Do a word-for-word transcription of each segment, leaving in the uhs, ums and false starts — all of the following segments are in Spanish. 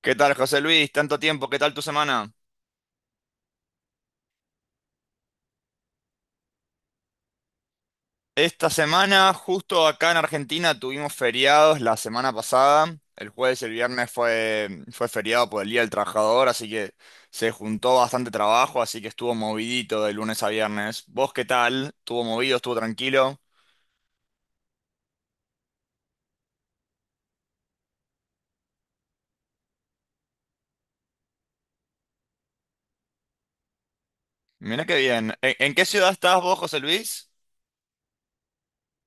¿Qué tal, José Luis? Tanto tiempo, ¿qué tal tu semana? Esta semana, justo acá en Argentina, tuvimos feriados la semana pasada. El jueves y el viernes fue, fue feriado por el Día del Trabajador, así que se juntó bastante trabajo, así que estuvo movidito de lunes a viernes. ¿Vos qué tal? ¿Estuvo movido? ¿Estuvo tranquilo? Mirá qué bien. ¿En, en qué ciudad estás vos, José Luis?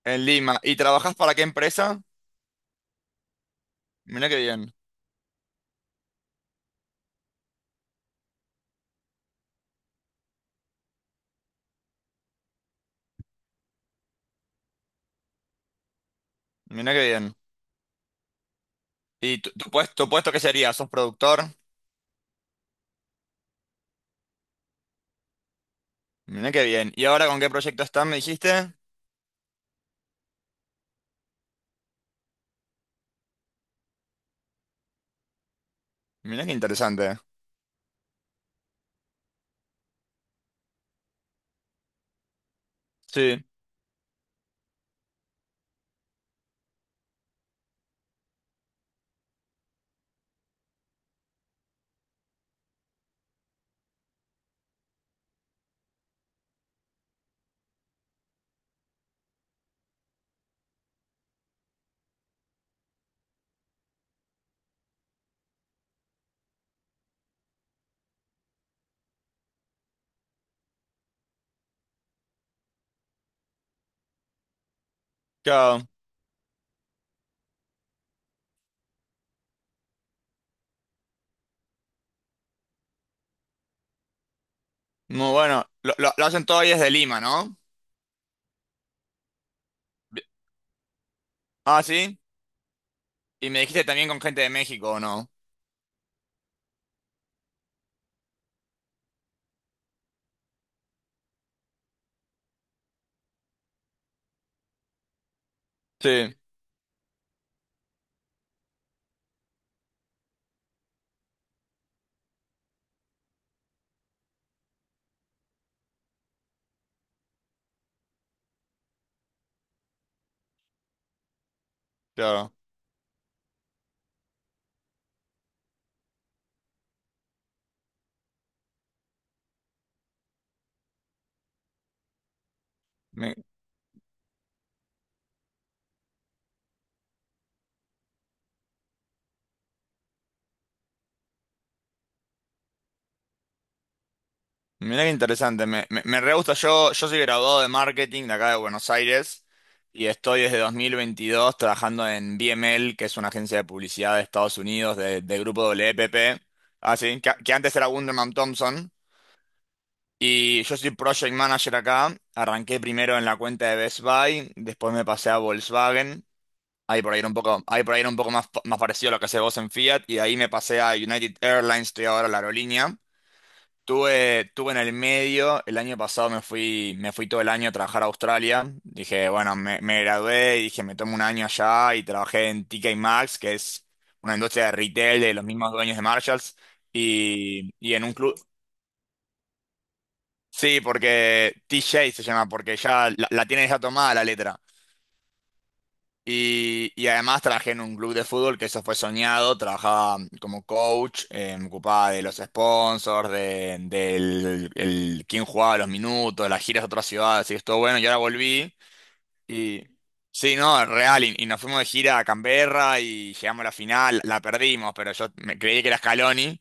En Lima. ¿Y trabajás para qué empresa? Mirá qué bien. Mirá qué bien. ¿Y tu, tu puesto, tu puesto qué sería? ¿Sos productor? Mirá qué bien. ¿Y ahora con qué proyecto estás, me dijiste? Mira qué interesante. eh. Sí, claro. Muy bueno. Lo, lo- lo hacen todo ahí desde Lima, ¿no? Bi- Ah, sí. Y me dijiste también con gente de México, ¿o no? Sí, claro. Mi- Mira qué interesante. Me, me, me re gusta. Yo, yo soy graduado de marketing de acá de Buenos Aires y estoy desde dos mil veintidós trabajando en B M L, que es una agencia de publicidad de Estados Unidos de, de grupo W P P. Ah, sí, que, que antes era Wunderman Thompson. Y yo soy Project Manager acá. Arranqué primero en la cuenta de Best Buy, después me pasé a Volkswagen. Ahí por ahí era un poco, ahí por ahí era un poco más, más parecido a lo que hace vos en Fiat. Y de ahí me pasé a United Airlines, estoy ahora en la aerolínea. Tuve, tuve en el medio, el año pasado me fui, me fui todo el año a trabajar a Australia. Dije, bueno, me, me gradué y dije, me tomo un año allá y trabajé en TK Maxx, que es una industria de retail de los mismos dueños de Marshalls. Y, y en un club. Sí, porque T J se llama, porque ya la, la tiene ya tomada la letra. Y, y además trabajé en un club de fútbol que eso fue soñado, trabajaba como coach, eh, me ocupaba de los sponsors, de, del el, quién jugaba los minutos, las giras a otras ciudades, y estuvo bueno, y ahora volví. Y sí, no, es real, y, y nos fuimos de gira a Canberra y llegamos a la final, la perdimos, pero yo me creí que era Scaloni.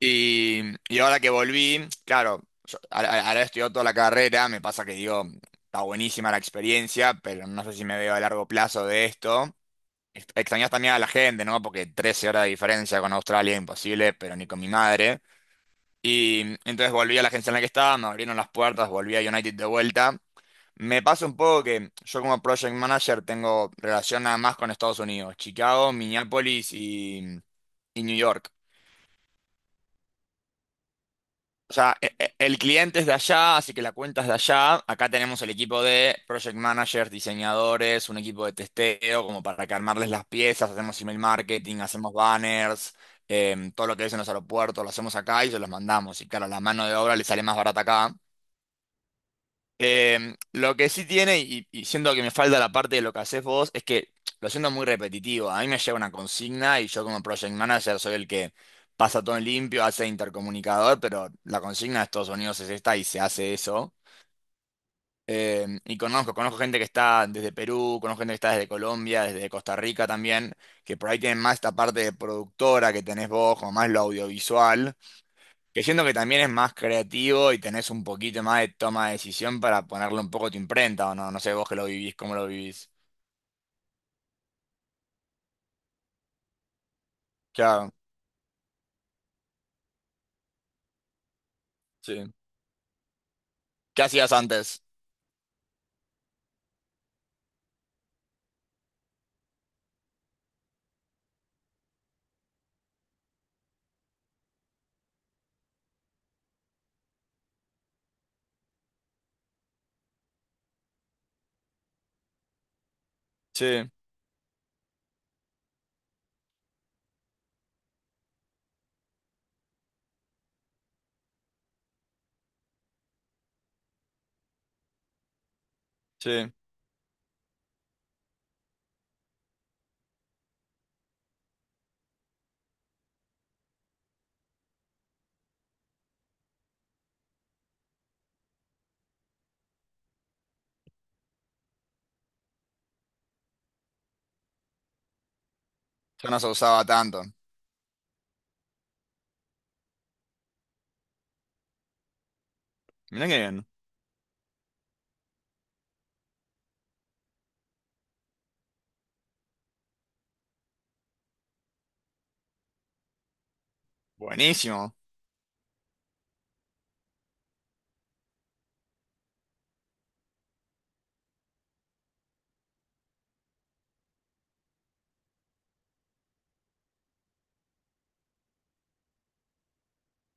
Y, y ahora que volví, claro, yo ahora ahora he estudiado toda la carrera, me pasa que digo, está buenísima la experiencia, pero no sé si me veo a largo plazo de esto. Ex- Extrañas también a la gente, ¿no? Porque trece horas de diferencia con Australia, imposible, pero ni con mi madre. Y entonces volví a la agencia en la que estaba, me abrieron las puertas, volví a United de vuelta. Me pasa un poco que yo como project manager tengo relación nada más con Estados Unidos, Chicago, Minneapolis y, y New York. O sea, e- e- el cliente es de allá, así que la cuenta es de allá. Acá tenemos el equipo de project managers, diseñadores, un equipo de testeo, como para que armarles las piezas, hacemos email marketing, hacemos banners, em, todo lo que es en los aeropuertos, lo hacemos acá y se los mandamos. Y claro, la mano de obra le sale más barata acá. Em, lo que sí tiene, y, y siento que me falta la parte de lo que haces vos, es que lo siento muy repetitivo. A mí me llega una consigna y yo como project manager soy el que pasa todo en limpio, hace intercomunicador, pero la consigna de Estados Unidos es esta y se hace eso. Em, y conozco, conozco gente que está desde Perú, conozco gente que está desde Colombia, desde Costa Rica también, que por ahí tienen más esta parte de productora que tenés vos, como más lo audiovisual. Que siento que también es más creativo y tenés un poquito más de toma de decisión para ponerle un poco tu imprenta o no. No sé vos que lo vivís, cómo lo vivís. Claro, sí. ¿Qué hacías antes? Sí, sí. Yo no se usaba tanto. Mirá qué bien. Buenísimo.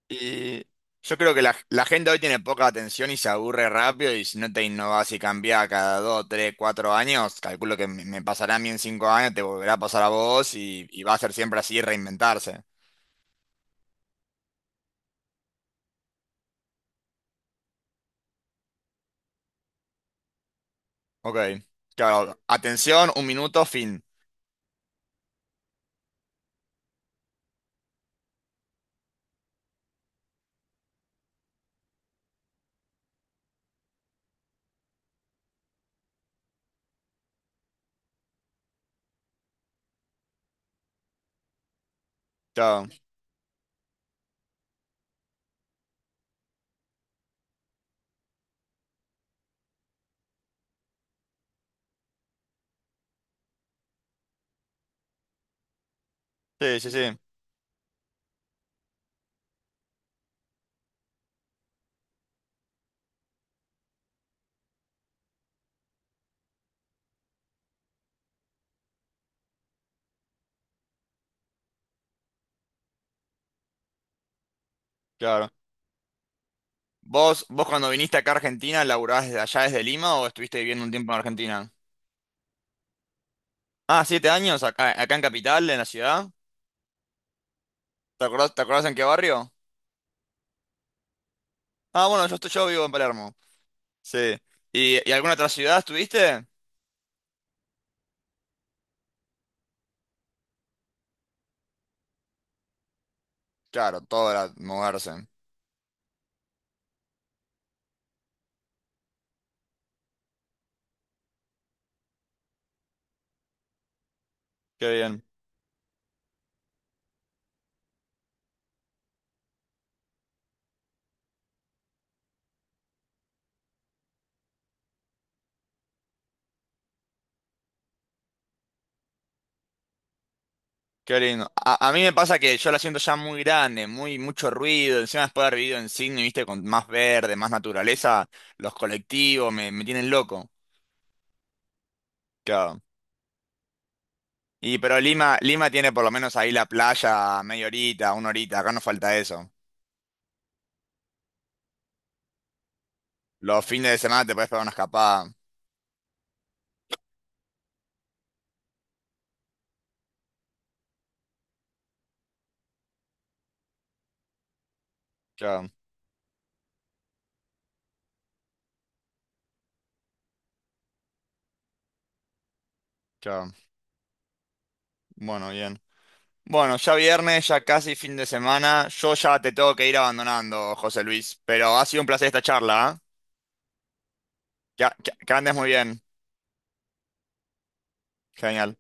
Y yo creo que la, la gente hoy tiene poca atención y se aburre rápido y si no te innovás y cambiás cada dos, tres, cuatro años, calculo que me, me pasará a mí en cinco años, te volverá a pasar a vos y, y va a ser siempre así reinventarse. Ok. Claro, atención, un minuto, fin. Claro. Sí, sí, sí, claro. ¿Vos, vos cuando viniste acá a Argentina, ¿laburabas desde allá desde Lima o estuviste viviendo un tiempo en Argentina? Ah, siete años acá, acá en Capital, en la ciudad. ¿Te acordás, te acordás en qué barrio? Ah, bueno, yo estoy, yo vivo en Palermo. Sí. ¿Y, y alguna otra ciudad estuviste? Claro, todo era moverse. Qué bien, qué lindo. A, a mí me pasa que yo la siento ya muy grande, muy, mucho ruido. Encima después de haber vivido en Sydney, viste, con más verde, más naturaleza, los colectivos me, me tienen loco. Claro. Y pero Lima, Lima tiene por lo menos ahí la playa media horita, una horita, acá no falta eso. Los fines de semana te puedes pegar una escapada. Claro, claro. Bueno, bien. Bueno, ya viernes, ya casi fin de semana. Yo ya te tengo que ir abandonando, José Luis. Pero ha sido un placer esta charla, ¿ah? Que, que- que andes muy bien. Genial.